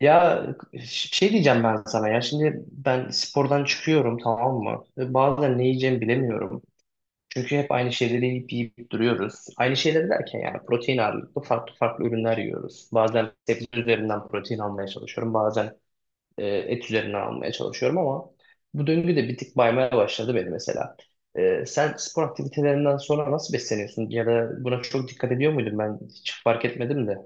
Ya ş- şey diyeceğim ben sana ya şimdi ben spordan çıkıyorum, tamam mı? Ve bazen ne yiyeceğimi bilemiyorum. Çünkü hep aynı şeyleri yiyip duruyoruz. Aynı şeyleri derken yani protein ağırlıklı farklı farklı ürünler yiyoruz. Bazen sebze üzerinden protein almaya çalışıyorum. Bazen et üzerinden almaya çalışıyorum ama bu döngü de bir tık baymaya başladı beni mesela. Sen spor aktivitelerinden sonra nasıl besleniyorsun? Ya da buna çok dikkat ediyor muydun? Ben hiç fark etmedim de.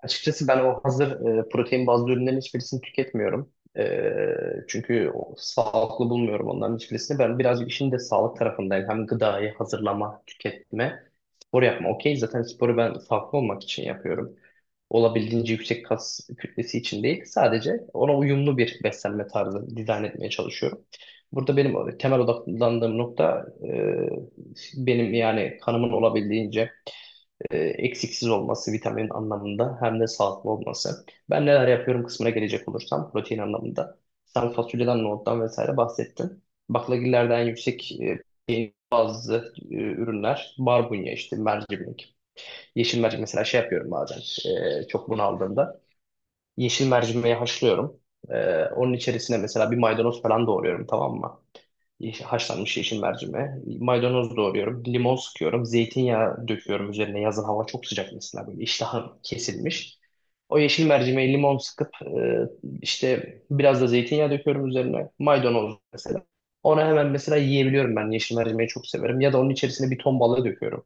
Açıkçası ben o hazır protein bazlı ürünlerin hiçbirisini tüketmiyorum. Çünkü sağlıklı bulmuyorum onların hiçbirisini. Ben birazcık işin de sağlık tarafındayım. Hem gıdayı hazırlama, tüketme, spor yapma. Okey, zaten sporu ben sağlıklı olmak için yapıyorum. Olabildiğince yüksek kas kütlesi için değil. Sadece ona uyumlu bir beslenme tarzı dizayn etmeye çalışıyorum. Burada benim temel odaklandığım nokta benim yani kanımın olabildiğince eksiksiz olması vitamin anlamında, hem de sağlıklı olması. Ben neler yapıyorum kısmına gelecek olursam protein anlamında. Sen fasulyeden, nohuttan vesaire bahsettin. Baklagillerde en yüksek protein bazı ürünler barbunya, işte mercimek. Yeşil mercimek mesela şey yapıyorum bazen çok bunaldığımda. Yeşil mercimeği haşlıyorum. Onun içerisine mesela bir maydanoz falan doğruyorum, tamam mı? Haşlanmış yeşil mercimeğe. Maydanoz doğruyorum. Limon sıkıyorum. Zeytinyağı döküyorum üzerine. Yazın hava çok sıcak mesela, böyle iştahım kesilmiş. O yeşil mercimeğe limon sıkıp işte biraz da zeytinyağı döküyorum üzerine. Maydanoz mesela. Onu hemen mesela yiyebiliyorum ben. Yeşil mercimeği çok severim. Ya da onun içerisine bir ton balığı döküyorum.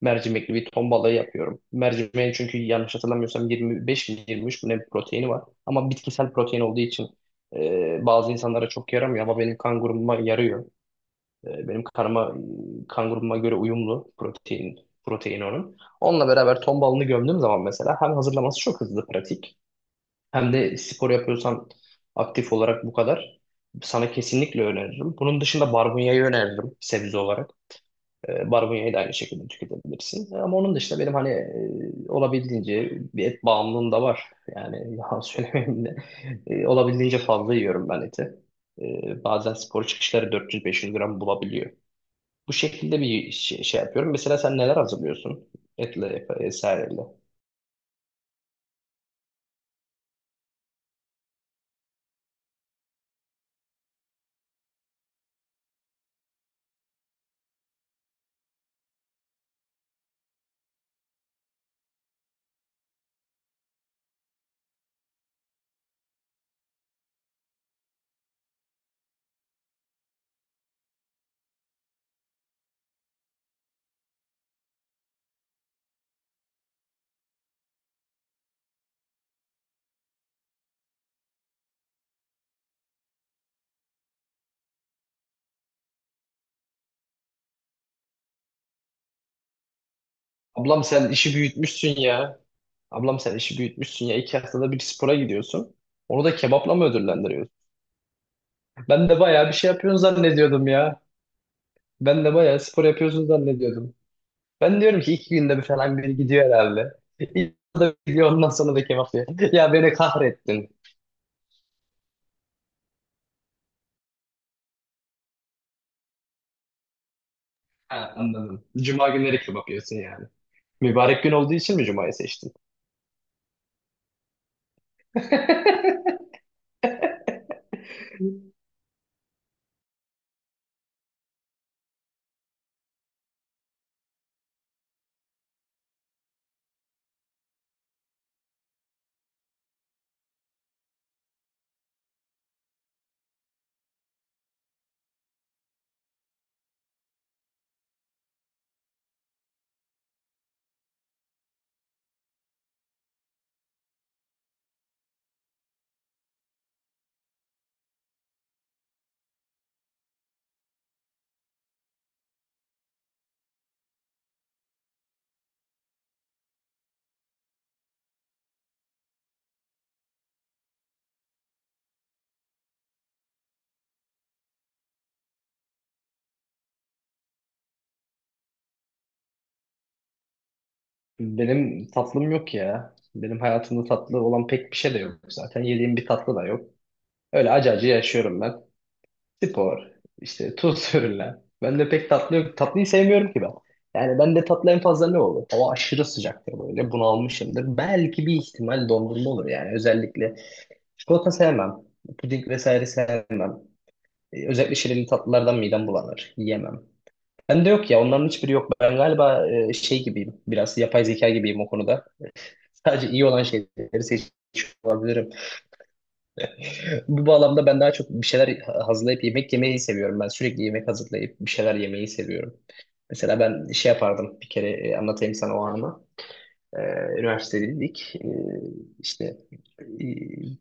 Mercimekli bir ton balığı yapıyorum. Mercimeğin çünkü yanlış hatırlamıyorsam 25 mi 23 mi ne bir proteini var. Ama bitkisel protein olduğu için bazı insanlara çok yaramıyor ama benim kanguruma yarıyor. Benim kan grubuma göre uyumlu protein onun. Onunla beraber ton balını gömdüğüm zaman mesela hem hazırlaması çok hızlı, pratik, hem de spor yapıyorsan aktif olarak bu kadar, sana kesinlikle öneririm. Bunun dışında barbunyayı öneririm sebze olarak. Barbunyayı da aynı şekilde tüketebilirsin. Ama onun dışında benim hani olabildiğince bir et bağımlılığım da var. Yani yalan söylemeyeyim de olabildiğince fazla yiyorum ben eti. Bazen spor çıkışları 400-500 gram bulabiliyor. Bu şekilde şey yapıyorum. Mesela sen neler hazırlıyorsun? Vesaireyle. Ablam sen işi büyütmüşsün ya. Ablam sen işi büyütmüşsün ya. İki haftada bir spora gidiyorsun. Onu da kebapla mı ödüllendiriyorsun? Ben de bayağı bir şey yapıyorsun zannediyordum ya. Ben de bayağı spor yapıyorsun zannediyordum. Ben diyorum ki iki günde bir falan biri gidiyor herhalde. İlk haftada bir gidiyor, ondan sonra da kebap yiyor. Ya beni kahrettin. Ha, anladım. Cuma günleri kebap yiyorsun yani. Mübarek gün olduğu için mi Cuma'yı seçtin? Benim tatlım yok ya. Benim hayatımda tatlı olan pek bir şey de yok zaten. Yediğim bir tatlı da yok. Öyle acı acı yaşıyorum ben. Spor, işte tuz ürünler. Ben de pek tatlı yok. Tatlıyı sevmiyorum ki ben. Yani ben de tatlı en fazla ne olur? Hava aşırı sıcaktır böyle. Bunalmışımdır. Belki bir ihtimal dondurma olur yani. Özellikle çikolata sevmem. Puding vesaire sevmem. Özellikle şirinli tatlılardan midem bulanır. Yiyemem. Ben de yok ya. Onların hiçbiri yok. Ben galiba şey gibiyim. Biraz yapay zeka gibiyim o konuda. Sadece iyi olan şeyleri seçiyor olabilirim. Bu bağlamda ben daha çok bir şeyler hazırlayıp yemek yemeyi seviyorum. Ben sürekli yemek hazırlayıp bir şeyler yemeyi seviyorum. Mesela ben şey yapardım bir kere, anlatayım sana o anı. Ee, Üniversitedeydik. İşte e,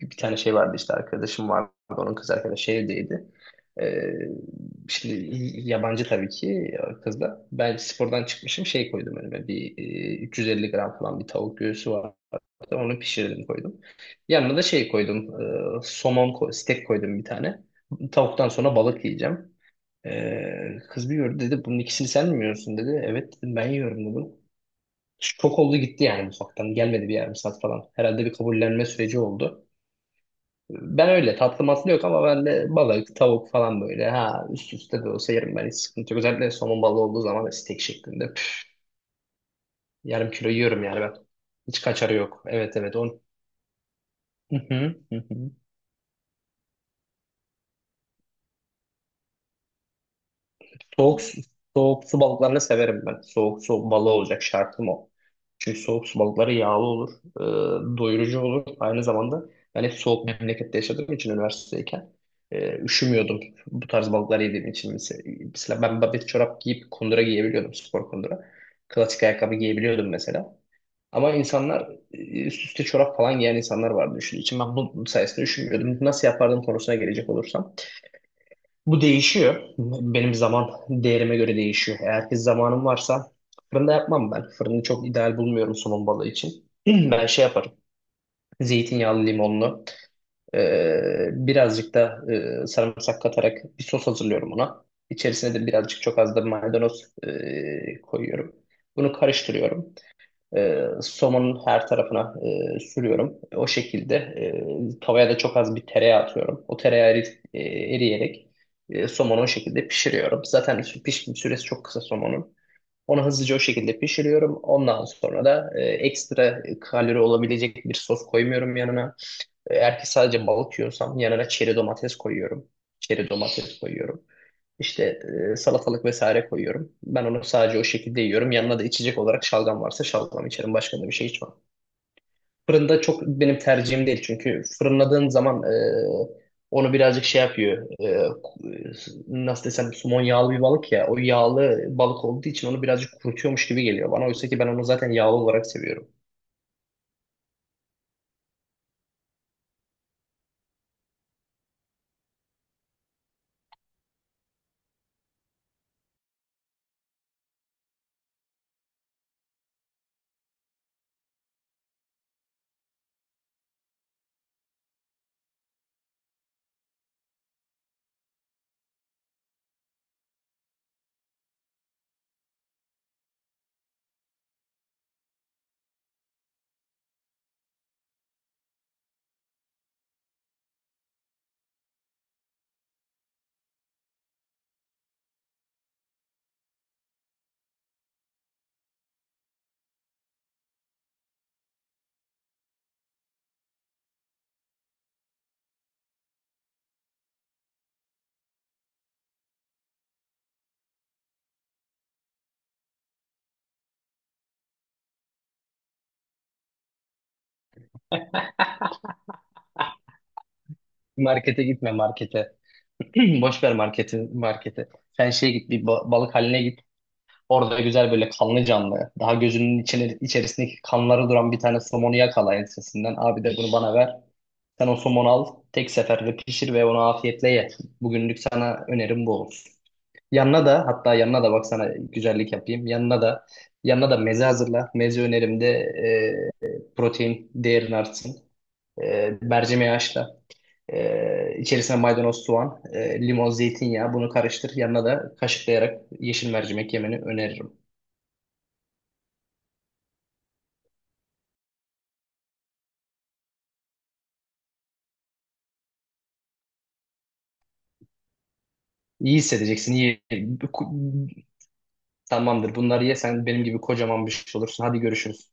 Bir tane şey vardı, işte arkadaşım vardı. Onun kız arkadaşı evdeydi. Ee, Şimdi yabancı tabii ki kız da. Ben spordan çıkmışım, şey koydum önüme, bir 350 gram falan bir tavuk göğsü vardı. Onu pişirdim, koydum. Yanına da şey koydum. Somon steak koydum bir tane. Tavuktan sonra balık yiyeceğim. E, kız bir gördü, dedi bunun ikisini sen mi yiyorsun dedi. Evet dedim, ben yiyorum dedim. Çok oldu, gitti yani mutfaktan. Gelmedi bir yarım saat falan. Herhalde bir kabullenme süreci oldu. Ben öyle tatlı matlı yok ama ben de balık, tavuk falan böyle ha üst üste de olsa yerim ben, hiç sıkıntı yok. Özellikle somon balığı olduğu zaman da steak şeklinde. Püf, yarım kilo yiyorum yani ben. Hiç kaçarı yok. Evet, evet on. Hı hı, hı hı. Soğuk, su- Soğuk su balıklarını severim ben. Soğuk su balığı olacak şartım o. Çünkü soğuk su balıkları yağlı olur, doyurucu olur. Aynı zamanda ben hep soğuk memlekette yaşadığım için üniversitedeyken üşümüyordum. Bu tarz balıkları yediğim için. Mesela ben babet çorap giyip kundura giyebiliyordum, spor kundura. Klasik ayakkabı giyebiliyordum mesela. Ama insanlar, üst üste çorap falan giyen insanlar vardı, düşün. İçin ben bu sayesinde üşümüyordum. Nasıl yapardım konusuna gelecek olursam. Bu değişiyor. Benim zaman değerime göre değişiyor. Eğer ki zamanım varsa fırında yapmam ben. Fırını çok ideal bulmuyorum somon balığı için. Ben şey yaparım. Zeytinyağlı, limonlu. Birazcık da sarımsak katarak bir sos hazırlıyorum ona. İçerisine de birazcık, çok az da maydanoz koyuyorum. Bunu karıştırıyorum. Somonun her tarafına sürüyorum. O şekilde tavaya da çok az bir tereyağı atıyorum. O tereyağı eriyerek somonu o şekilde pişiriyorum. Zaten pişme süresi çok kısa somonun. Onu hızlıca o şekilde pişiriyorum. Ondan sonra da ekstra kalori olabilecek bir sos koymuyorum yanına. Eğer ki sadece balık yiyorsam yanına çeri domates koyuyorum. Çeri domates koyuyorum. İşte salatalık vesaire koyuyorum. Ben onu sadece o şekilde yiyorum. Yanına da içecek olarak şalgam varsa şalgam içerim. Başka da bir şey içmem. Fırında çok benim tercihim değil. Çünkü fırınladığın zaman onu birazcık şey yapıyor. Nasıl desem, somon yağlı bir balık ya. O yağlı balık olduğu için onu birazcık kurutuyormuş gibi geliyor bana. Oysa ki ben onu zaten yağlı olarak seviyorum. Markete gitme, markete. Boş ver marketi, marketi. Sen şeye git, bir balık haline git. Orada güzel böyle kanlı canlı. Daha gözünün içine, içerisindeki kanları duran bir tane somonu yakala ensesinden. Abi, de bunu bana ver. Sen o somonu al. Tek seferde pişir ve onu afiyetle ye. Bugünlük sana önerim bu olur. Yanına da, hatta yanına da bak, sana güzellik yapayım. Yanına da meze hazırla. Meze önerimde protein değerin artsın. Mercimeği haşla. İçerisine maydanoz, soğan, limon, zeytinyağı, bunu karıştır. Yanına da kaşıklayarak yeşil mercimek yemeni öneririm. İyi hissedeceksin. İyi. Tamamdır. Bunları yesen benim gibi kocaman bir şey olursun. Hadi görüşürüz.